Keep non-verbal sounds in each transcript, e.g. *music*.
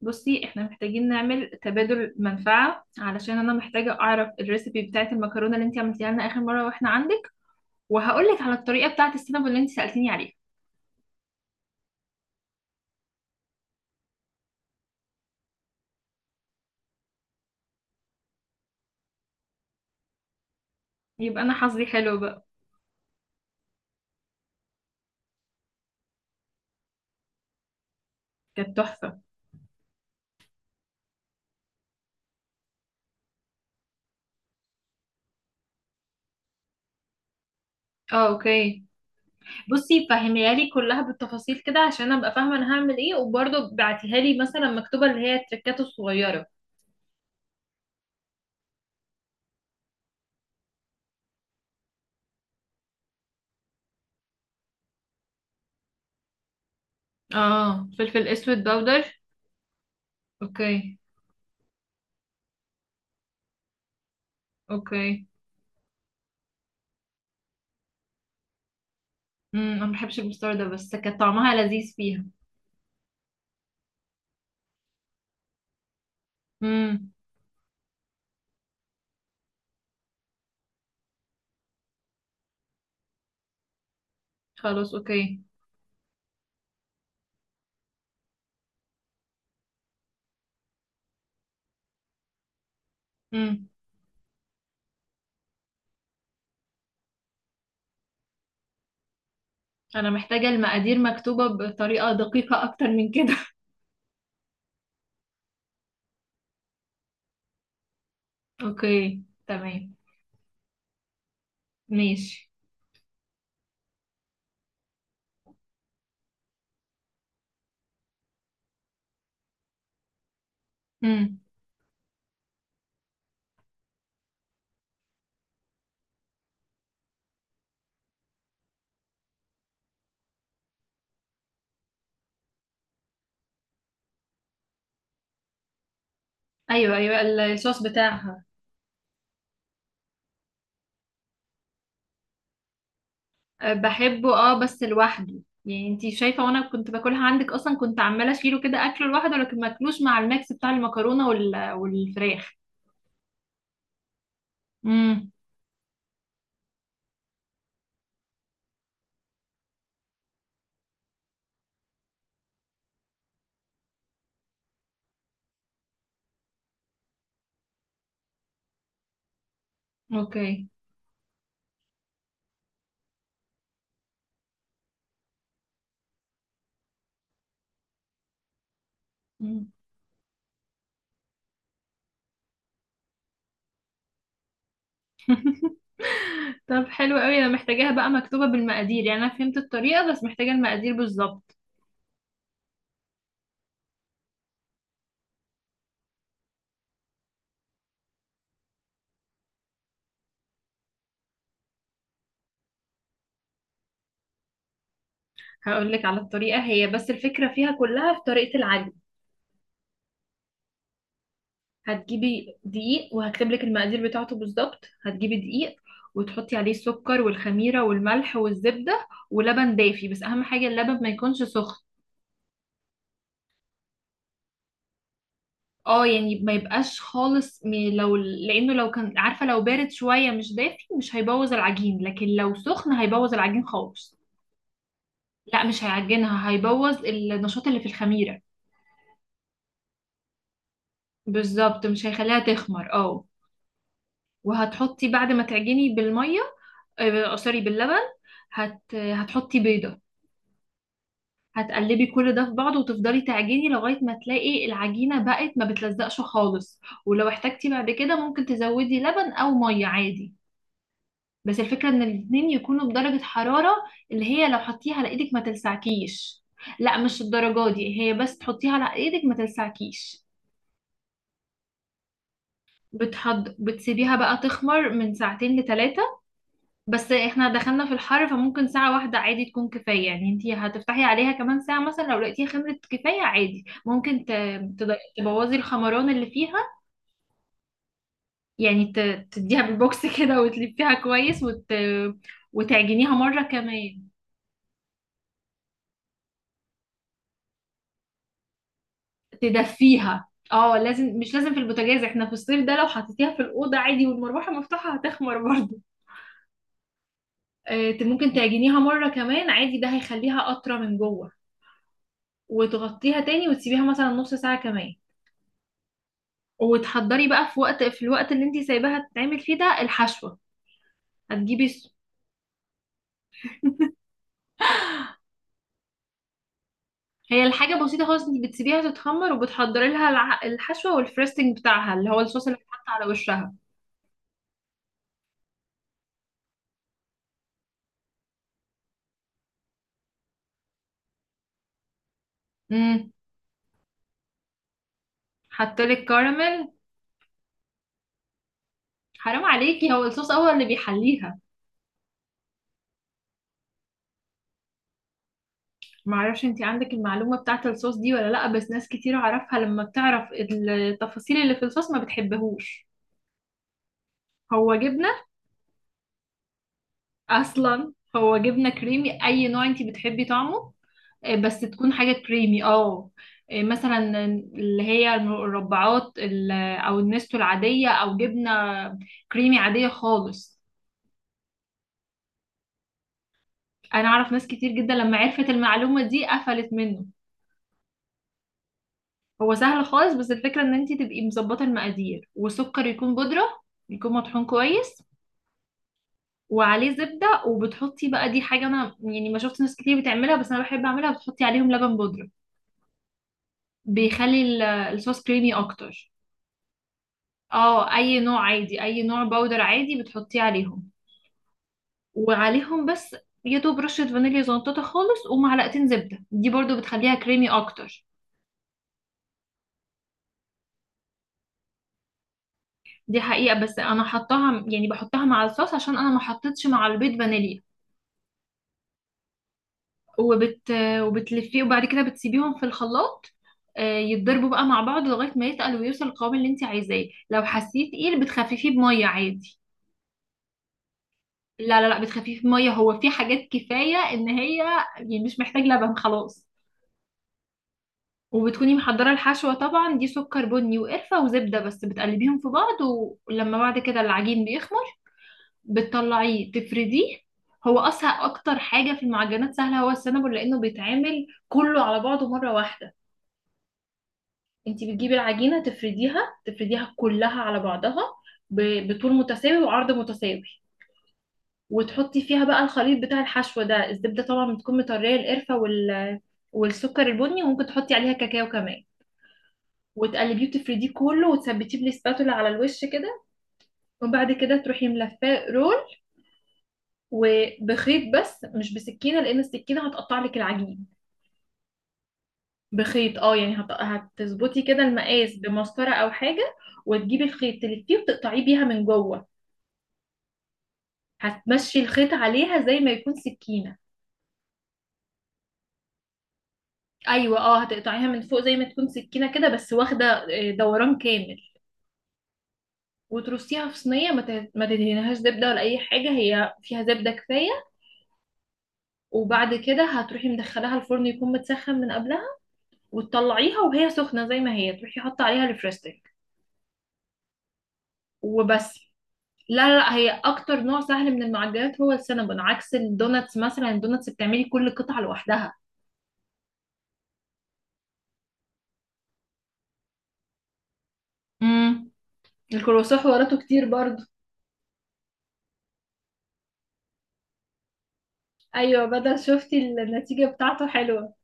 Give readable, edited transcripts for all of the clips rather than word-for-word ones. بصي، احنا محتاجين نعمل تبادل منفعة علشان انا محتاجة اعرف الريسبي بتاعة المكرونة اللي انت عملتيها لنا اخر مرة واحنا عندك، وهقولك على الطريقة بتاعة السينابون اللي انت سألتيني عليها. يبقى انا حظي حلو بقى. كانت تحفة. اه، اوكي. بصي، فهميها لي كلها بالتفاصيل كده عشان ابقى فاهمة انا هعمل ايه، وبرضه بعتيها لي مثلا مكتوبة، اللي هي التركات الصغيرة. اه، فلفل اسود باودر. اوكي. اوكي. انا ما بحبش البستار ده، بس كان طعمها لذيذ فيها. امم. خلاص، اوكي. مم. انا محتاجة المقادير مكتوبة بطريقة دقيقة اكتر من كده. *laughs* اوكي، تمام. ماشي. امم. ايوه، ايوه، الصوص بتاعها. أه، بحبه اه بس لوحده. يعني انتي شايفة، وانا كنت باكلها عندك اصلا كنت عمالة اشيله كده اكله لوحده، لكن ماكلوش مع الميكس بتاع المكرونة والفراخ. امم. اوكي. مم. *laughs* طب حلو قوي، انا محتاجاها بقى مكتوبة بالمقادير، يعني انا فهمت الطريقة بس محتاجة المقادير بالظبط. هقولك على الطريقة، هي بس الفكرة فيها كلها في طريقة العجن. هتجيبي دقيق وهكتب لك المقادير بتاعته بالظبط. هتجيبي دقيق وتحطي عليه السكر والخميرة والملح والزبدة ولبن دافي، بس أهم حاجة اللبن ما يكونش سخن. اه، يعني ما يبقاش خالص لو، لأنه لو كان عارفة لو بارد شوية مش دافي مش هيبوظ العجين، لكن لو سخن هيبوظ العجين خالص. لا، مش هيعجنها، هيبوظ النشاط اللي في الخميرة. بالظبط، مش هيخليها تخمر اه. وهتحطي بعد ما تعجني بالمية، سوري باللبن. هتحطي بيضة. هتقلبي كل ده في بعضه وتفضلي تعجني لغاية ما تلاقي العجينة بقت ما بتلزقش خالص. ولو احتجتي بعد كده ممكن تزودي لبن أو مية عادي. بس الفكرة إن الاتنين يكونوا بدرجة حرارة، اللي هي لو حطيها على إيدك ما تلسعكيش. لا، مش الدرجة دي، هي بس تحطيها على إيدك ما تلسعكيش. بتسيبيها بقى تخمر من ساعتين لتلاتة. بس احنا دخلنا في الحر، فممكن ساعة واحدة عادي تكون كفاية. يعني انتي هتفتحي عليها كمان ساعة مثلا، لو لقيتيها خمرت كفاية عادي ممكن تبوظي الخمران اللي فيها. يعني تديها بالبوكس *laughs* كده وتلفيها كويس وتعجنيها مرة كمان. تدفيها اه، لازم مش لازم في البوتاجاز، احنا في الصيف ده لو حطيتيها في الأوضة عادي والمروحة مفتوحة هتخمر برضه. ممكن تعجنيها مرة كمان عادي، ده هيخليها أطرى من جوه. وتغطيها تاني وتسيبيها مثلا نص ساعة كمان. وتحضري بقى في الوقت اللي انت سايباها تتعمل فيه ده الحشوة. هتجيبي س- هي الحاجة بسيطة خالص، انت بتسيبيها تتخمر وبتحضري لها الحشوة والفريستنج بتاعها، اللي هو الصوص اللي بيتحط على وشها. امم. حطلك كراميل. حرام عليكي، هو الصوص هو اللي بيحليها. معرفش انت عندك المعلومة بتاعت الصوص دي ولا لا، بس ناس كتير اعرفها لما بتعرف التفاصيل اللي في الصوص ما بتحبهوش. هو جبنة. اصلا هو جبنة كريمي، اي نوع انت بتحبي طعمه. بس تكون حاجة كريمي اه. مثلا اللي هي المربعات او النستو العادية، او جبنة كريمي عادية خالص. انا اعرف ناس كتير جدا لما عرفت المعلومة دي قفلت منه. هو سهل خالص، بس الفكرة ان انت تبقي مظبطة المقادير، وسكر يكون بودرة، يكون مطحون كويس. وعليه زبدة، وبتحطي بقى، دي حاجة انا يعني ما شفت ناس كتير بتعملها، بس انا بحب اعملها، بتحطي عليهم لبن بودرة. بيخلي الصوص كريمي اكتر. اه، اي نوع عادي، اي نوع باودر عادي بتحطيه عليهم. وعليهم بس يا دوب رشة فانيليا زنطتها خالص، ومعلقتين زبدة دي برضو بتخليها كريمي اكتر. دي حقيقة، بس انا حطاها يعني بحطها مع الصوص عشان انا ما حطيتش مع البيض فانيليا. وبت وبتلفيه، وبعد كده بتسيبيهم في الخلاط يتضربوا بقى مع بعض لغاية ما يتقل ويوصل القوام اللي انت عايزاه. لو حسيتيه تقيل بتخففيه بمية عادي. لا، لا، لا، بتخففيه بمية، هو في حاجات كفاية ان هي يعني مش محتاج لبن خلاص. وبتكوني محضرة الحشوة طبعا، دي سكر بني وقرفة وزبدة بس بتقلبيهم في بعض. ولما بعد كده العجين بيخمر بتطلعيه تفرديه. هو أسهل أكتر حاجة في المعجنات سهلة هو السنابل، لأنه بيتعمل كله على بعضه مرة واحدة. انتي بتجيبي العجينة تفرديها، تفرديها كلها على بعضها، بطول متساوي وعرض متساوي. وتحطي فيها بقى الخليط بتاع الحشوة ده، الزبدة طبعا بتكون مطرية، القرفة والسكر البني، وممكن تحطي عليها كاكاو كمان. وتقلبيه وتفرديه كله وتثبتيه بالسباتولا على الوش كده، وبعد كده تروحي ملفاه رول، وبخيط، بس مش بسكينه لان السكينه هتقطع لك العجين. بخيط اه، يعني هتظبطي كده المقاس بمسطره او حاجه، وتجيبي الخيط تلفيه وتقطعيه بيها من جوه. هتمشي الخيط عليها زي ما يكون سكينه. ايوه، اه هتقطعيها من فوق زي ما تكون سكينه كده، بس واخده دوران كامل. وترصيها في صينيه، ما تدهنيهاش زبده ولا اي حاجه، هي فيها زبده كفايه. وبعد كده هتروحي مدخلاها الفرن، يكون متسخن من قبلها، وتطلعيها وهي سخنة زي ما هي تروحي حاطة عليها ريفرستك. وبس. لا، لا، لا، هي اكتر نوع سهل من المعجنات هو السينابون، عكس الدوناتس مثلا الدوناتس بتعملي كل قطعة لوحدها. امم. الكرواسون حواراته كتير برضو. ايوه، بدل شفتي النتيجة بتاعته حلوة.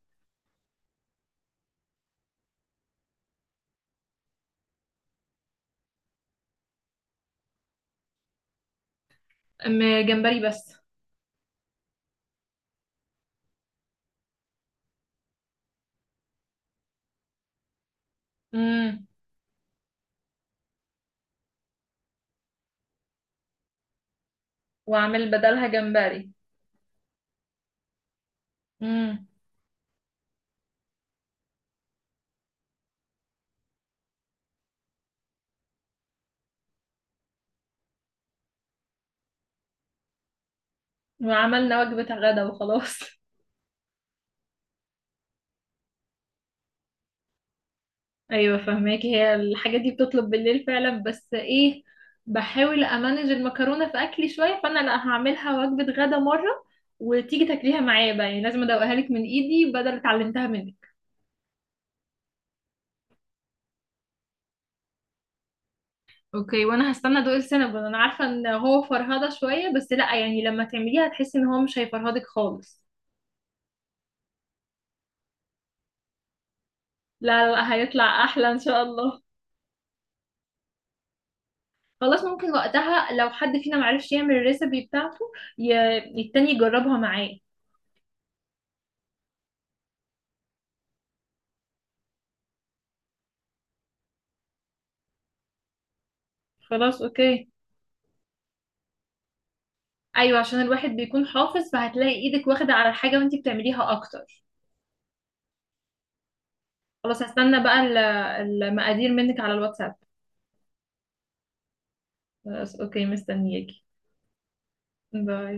أم. جمبري بس. امم. واعمل بدلها جمبري. امم. وعملنا وجبة غدا وخلاص. ايوه، فهماك، هي الحاجات دي بتطلب بالليل فعلا، بس ايه، بحاول امانج المكرونه في اكلي شويه، فانا لا هعملها وجبه غدا مره، وتيجي تاكليها معايا بقى، يعني لازم ادوقها لك من ايدي بدل اللي اتعلمتها منك. اوكي، وانا هستنى ادوق السينابون، انا عارفه ان هو فرهده شويه، بس لا، يعني لما تعمليها هتحسي ان هو مش هيفرهدك خالص. لا، لا، لا، هيطلع احلى ان شاء الله. خلاص، ممكن وقتها لو حد فينا معرفش يعمل الريسبي بتاعته التاني يجربها معاه. خلاص، اوكي. ايوه، عشان الواحد بيكون حافظ فهتلاقي ايدك واخده على الحاجه وانتي بتعمليها اكتر. خلاص، هستنى بقى المقادير منك على الواتساب. خلاص، اوكي، مستنياكي. باي.